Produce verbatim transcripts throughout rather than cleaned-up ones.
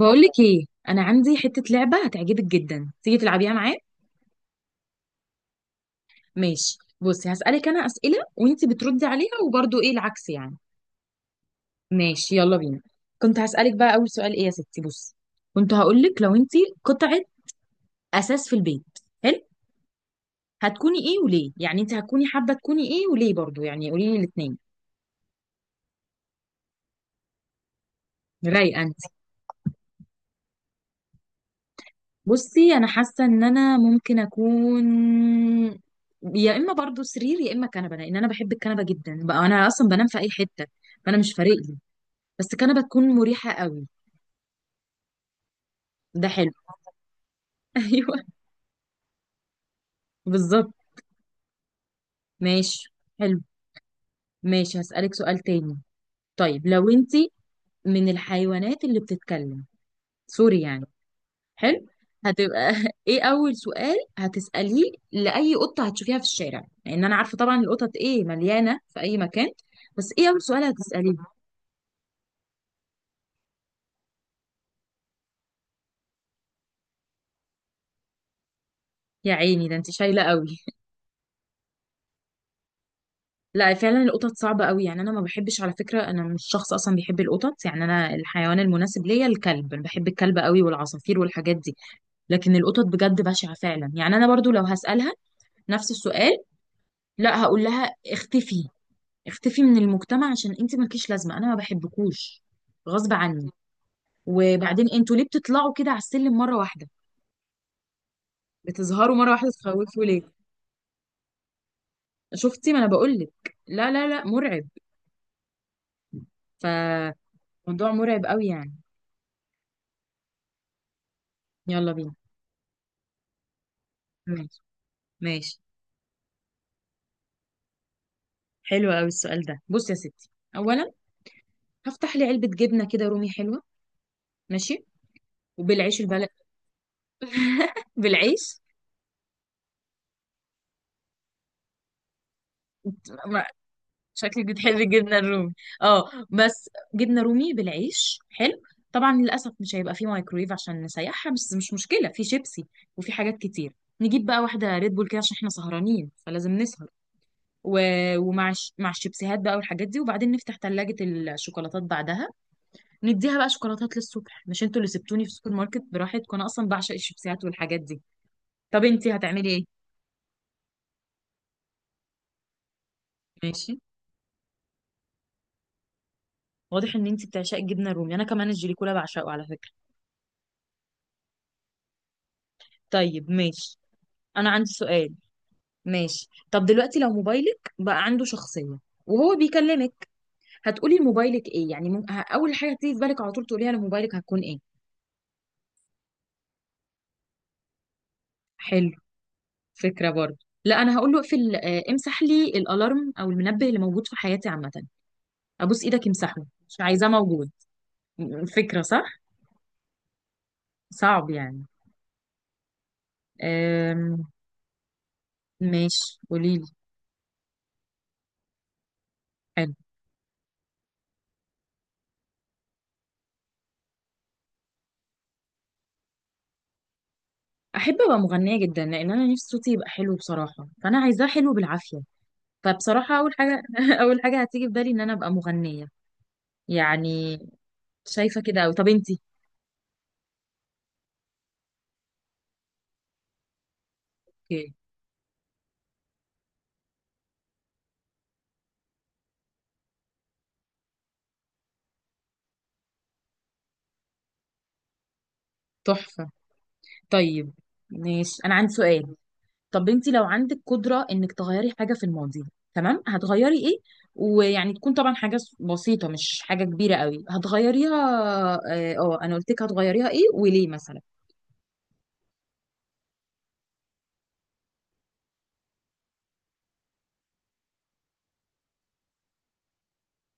بقولك ايه؟ انا عندي حته لعبه هتعجبك جدا. تيجي تلعبيها معايا؟ ماشي بصي، هسالك انا اسئله وانتي بتردي عليها، وبرضو ايه العكس يعني. ماشي يلا بينا. كنت هسالك بقى اول سؤال ايه يا ستي. بصي كنت هقولك لو انتي قطعه اساس في البيت. حلو. هتكوني ايه وليه؟ يعني انتي هتكوني حابه تكوني ايه وليه برضو؟ يعني قولي لي الاثنين. رايقه. بصي انا حاسه ان انا ممكن اكون يا اما برضو سرير يا اما كنبه، لان انا بحب الكنبه جدا بقى. انا اصلا بنام في اي حته، فانا مش فارق لي. بس كنبه تكون مريحه قوي. ده حلو. ايوه. بالظبط. ماشي. حلو. ماشي هسالك سؤال تاني. طيب لو انت من الحيوانات اللي بتتكلم، سوري يعني. حلو. هتبقى ايه اول سؤال هتسأليه لأي قطة هتشوفيها في الشارع؟ لان انا عارفة طبعا القطط ايه مليانة في اي مكان. بس ايه اول سؤال هتسأليه؟ يا عيني، ده انت شايلة قوي. لا فعلا، القطط صعبة قوي يعني. انا ما بحبش على فكرة، انا مش شخص اصلا بيحب القطط يعني. انا الحيوان المناسب ليا الكلب، انا بحب الكلب قوي، والعصافير والحاجات دي. لكن القطط بجد بشعة فعلا يعني. انا برضو لو هسألها نفس السؤال، لا هقول لها اختفي. اختفي من المجتمع، عشان انت مالكيش لازمه، انا ما بحبكوش غصب عني. وبعدين انتوا ليه بتطلعوا كده على السلم مره واحده؟ بتظهروا مره واحده تخوفوا ليه؟ شفتي، ما انا بقول لك، لا لا لا مرعب. فموضوع مرعب قوي يعني. يلا بينا. ماشي. ماشي. حلو قوي السؤال ده. بصي يا ستي، اولا هفتح لي علبه جبنه كده رومي حلوه. ماشي. وبالعيش البلد. بالعيش. شكلك بتحبي الجبنه الرومي. اه بس جبنه رومي بالعيش حلو. طبعا للاسف مش هيبقى فيه مايكرويف عشان نسيحها، بس مش مشكله، في شيبسي وفي حاجات كتير. نجيب بقى واحده ريد بول كده عشان احنا سهرانين فلازم نسهر، و... ومع الش... مع الشيبسيهات بقى والحاجات دي، وبعدين نفتح ثلاجه الشوكولاتات بعدها، نديها بقى شوكولاتات للصبح. مش انتوا اللي سبتوني في السوبر ماركت براحتكم؟ انا اصلا بعشق الشيبسيهات والحاجات دي. طب انتي هتعملي ايه؟ ماشي. واضح ان انتي بتعشقي الجبنه الرومي، انا كمان الجليكولا بعشقه على فكره. طيب ماشي. انا عندي سؤال. ماشي طب دلوقتي لو موبايلك بقى عنده شخصية وهو بيكلمك، هتقولي لموبايلك ايه؟ يعني مم... ه- اول حاجة تيجي في بالك على طول تقوليها لموبايلك هتكون ايه؟ حلو. فكرة برضه. لا انا هقول له اقفل، آه، امسح لي الالارم او المنبه اللي موجود في حياتي عامة. ابوس ايدك امسحه، مش عايزاه موجود. م- فكرة صح. صعب يعني. أم... ماشي قوليلي. حلو. احب ابقى مغنية جدا، لان انا نفسي صوتي يبقى حلو بصراحة، فانا عايزاه حلو بالعافية. فبصراحة أول حاجة أول حاجة هتيجي في بالي إن أنا أبقى مغنية يعني. شايفة كده أوي. طب أنتي؟ اوكي. تحفة. طيب ماشي. أنا عندي سؤال. طب أنتي لو عندك قدرة إنك تغيري حاجة في الماضي، تمام، هتغيري إيه؟ ويعني تكون طبعا حاجة س- بسيطة، مش حاجة كبيرة أوي هتغيريها. آه آه، أنا قلت لك هتغيريها إيه وليه مثلا.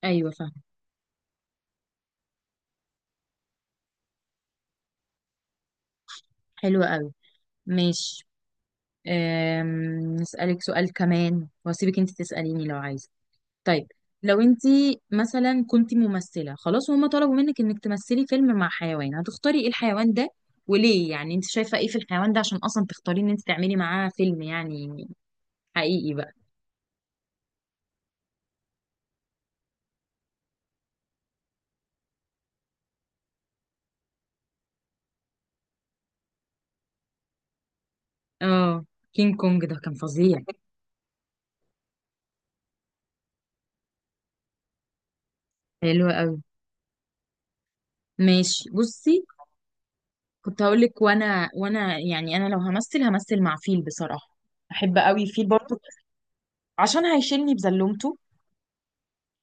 أيوة فاهمة. حلوة أوي. ماشي. أم... نسألك سؤال كمان وأسيبك أنتي تسأليني لو عايزة. طيب لو انت مثلا كنت ممثلة خلاص وهم طلبوا منك انك تمثلي فيلم مع حيوان، هتختاري ايه الحيوان ده وليه؟ يعني انت شايفة ايه في الحيوان ده عشان اصلا تختاري ان انت تعملي معاه فيلم يعني، حقيقي بقى. اه كينج كونج ده كان فظيع. حلو قوي. ماشي بصي. كنت هقول لك، وانا وانا يعني انا لو همثل همثل مع فيل بصراحة. احب قوي فيل برضه، عشان هيشيلني بزلومته.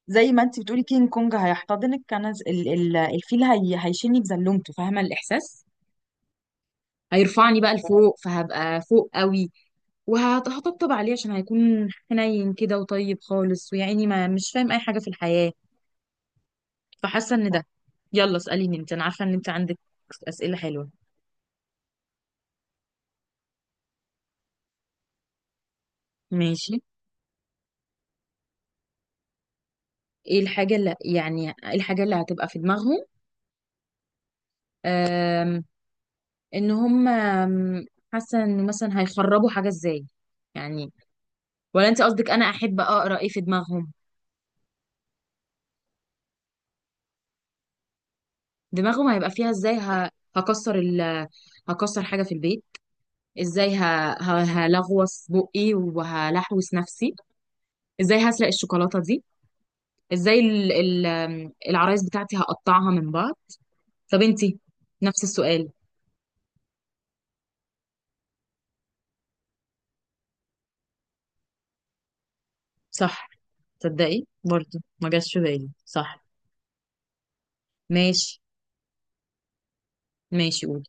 زي ما انت بتقولي كينج كونج هيحتضنك، انا ز- ال- ال- الفيل هي هيشيلني بزلومته، فاهمة الاحساس. هيرفعني بقى لفوق فهبقى فوق قوي، وهطبطب عليه، عشان هيكون حنين كده وطيب خالص، ويعني ما مش فاهم اي حاجة في الحياة. فحاسة ان ده. يلا اسأليني انت، انا عارفة ان انت عندك اسئلة حلوة. ماشي. ايه الحاجة اللي يعني ايه الحاجة اللي هتبقى في دماغهم؟ آم، ان هم، آم، حاسة ان مثلا هيخربوا حاجة ازاي يعني؟ ولا انت قصدك انا احب اقرا ايه في دماغهم؟ دماغهم هيبقى فيها ازاي. ه- هكسر ال هكسر حاجة في البيت. ازاي ه- ه- هلغوص بقي وهلحوس نفسي. ازاي هسرق الشوكولاتة دي. ازاي ال- ال- آم، العرايس بتاعتي هقطعها من بعض. طب انتي، نفس السؤال. صح. تصدقي برضو ما جاش في بالي. صح. ماشي. ماشي قولي.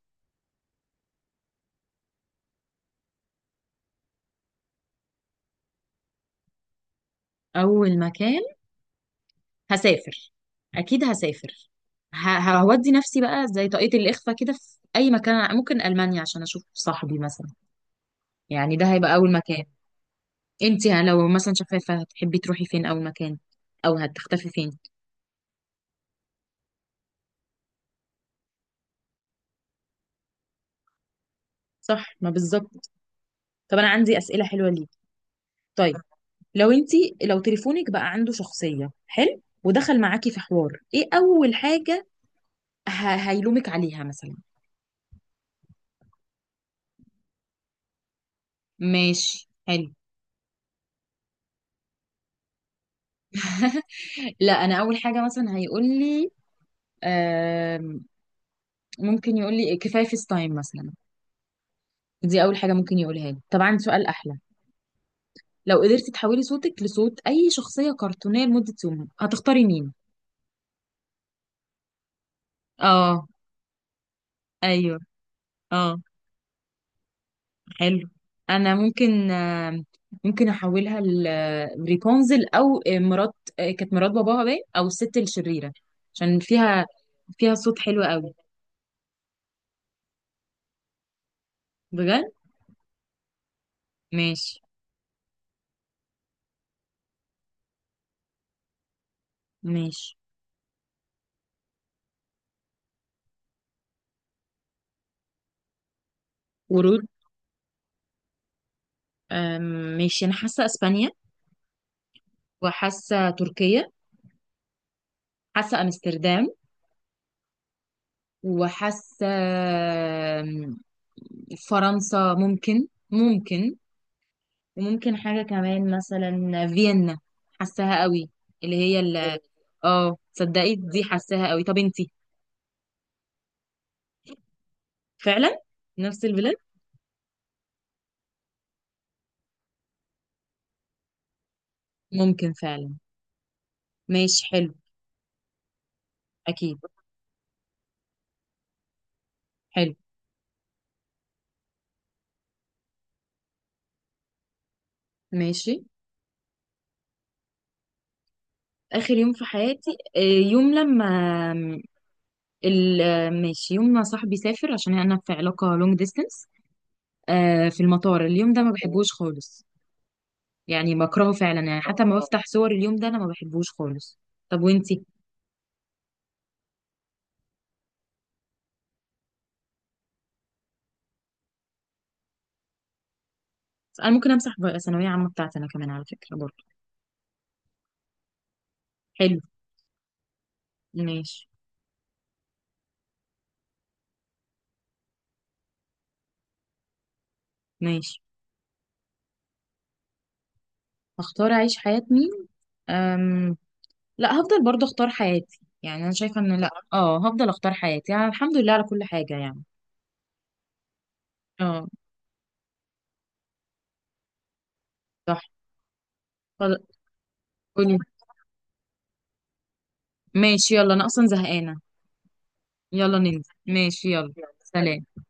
اول مكان هسافر. اكيد هسافر. ه- هودي نفسي بقى زي طاقية الإخفاء كده في أي مكان، ممكن ألمانيا عشان أشوف صاحبي مثلا. يعني ده هيبقى أول مكان. انتي لو مثلا شفافة هتحبي تروحي فين أول مكان؟ أو هتختفي فين؟ صح ما بالظبط. طب أنا عندي أسئلة حلوة ليك. طيب لو انتي لو تليفونك بقى عنده شخصية حلو ودخل معاكي في حوار، ايه أول حاجة ه- هيلومك عليها مثلا؟ ماشي حلو. لا انا اول حاجه مثلا هيقول لي، آم، ممكن يقول لي كفايه فيس تايم مثلا. دي اول حاجه ممكن يقولها لي. طبعا سؤال احلى. لو قدرتي تحولي صوتك لصوت اي شخصيه كرتونيه لمده يوم، هتختاري مين؟ اه. ايوه. اه. حلو. انا ممكن آه، ممكن احولها لريبونزل، او آه، مرات، آه، كانت مرات باباها باين، او الست الشريره، عشان فيها فيها صوت حلو قوي. بجد. ماشي. ماشي. ورود. آم، ماشي انا حاسه اسبانيا، وحاسه تركيا، حاسه امستردام، وحاسه آم، فرنسا ممكن ممكن، وممكن حاجة كمان مثلا فيينا، حاساها قوي. اللي هي ال اه صدقي دي حاساها قوي. طب انتي؟ فعلا نفس البلاد. ممكن فعلا. ماشي حلو. اكيد. حلو. ماشي. اخر يوم في حياتي، آه، يوم لما ال... آه، ماشي يوم ما صاحبي سافر، عشان انا في علاقة لونج ديستنس. في المطار اليوم ده ما بحبوش خالص، يعني بكرهه فعلا يعني، حتى ما بفتح صور اليوم ده، انا ما بحبوش خالص. طب وانتي؟ انا ممكن امسح بقى ثانويه عامه بتاعتي انا كمان على فكره برضه. حلو. ماشي. ماشي. هختار اعيش حياه مين؟ أم... لا هفضل برضه اختار حياتي، يعني انا شايفه ان، لا اه هفضل اختار حياتي، يعني الحمد لله على كل حاجه يعني. اه. صح. خلاص. قولي. ماشي يلا، انا اصلا زهقانه. يلا ننزل، ماشي يلا. سلام.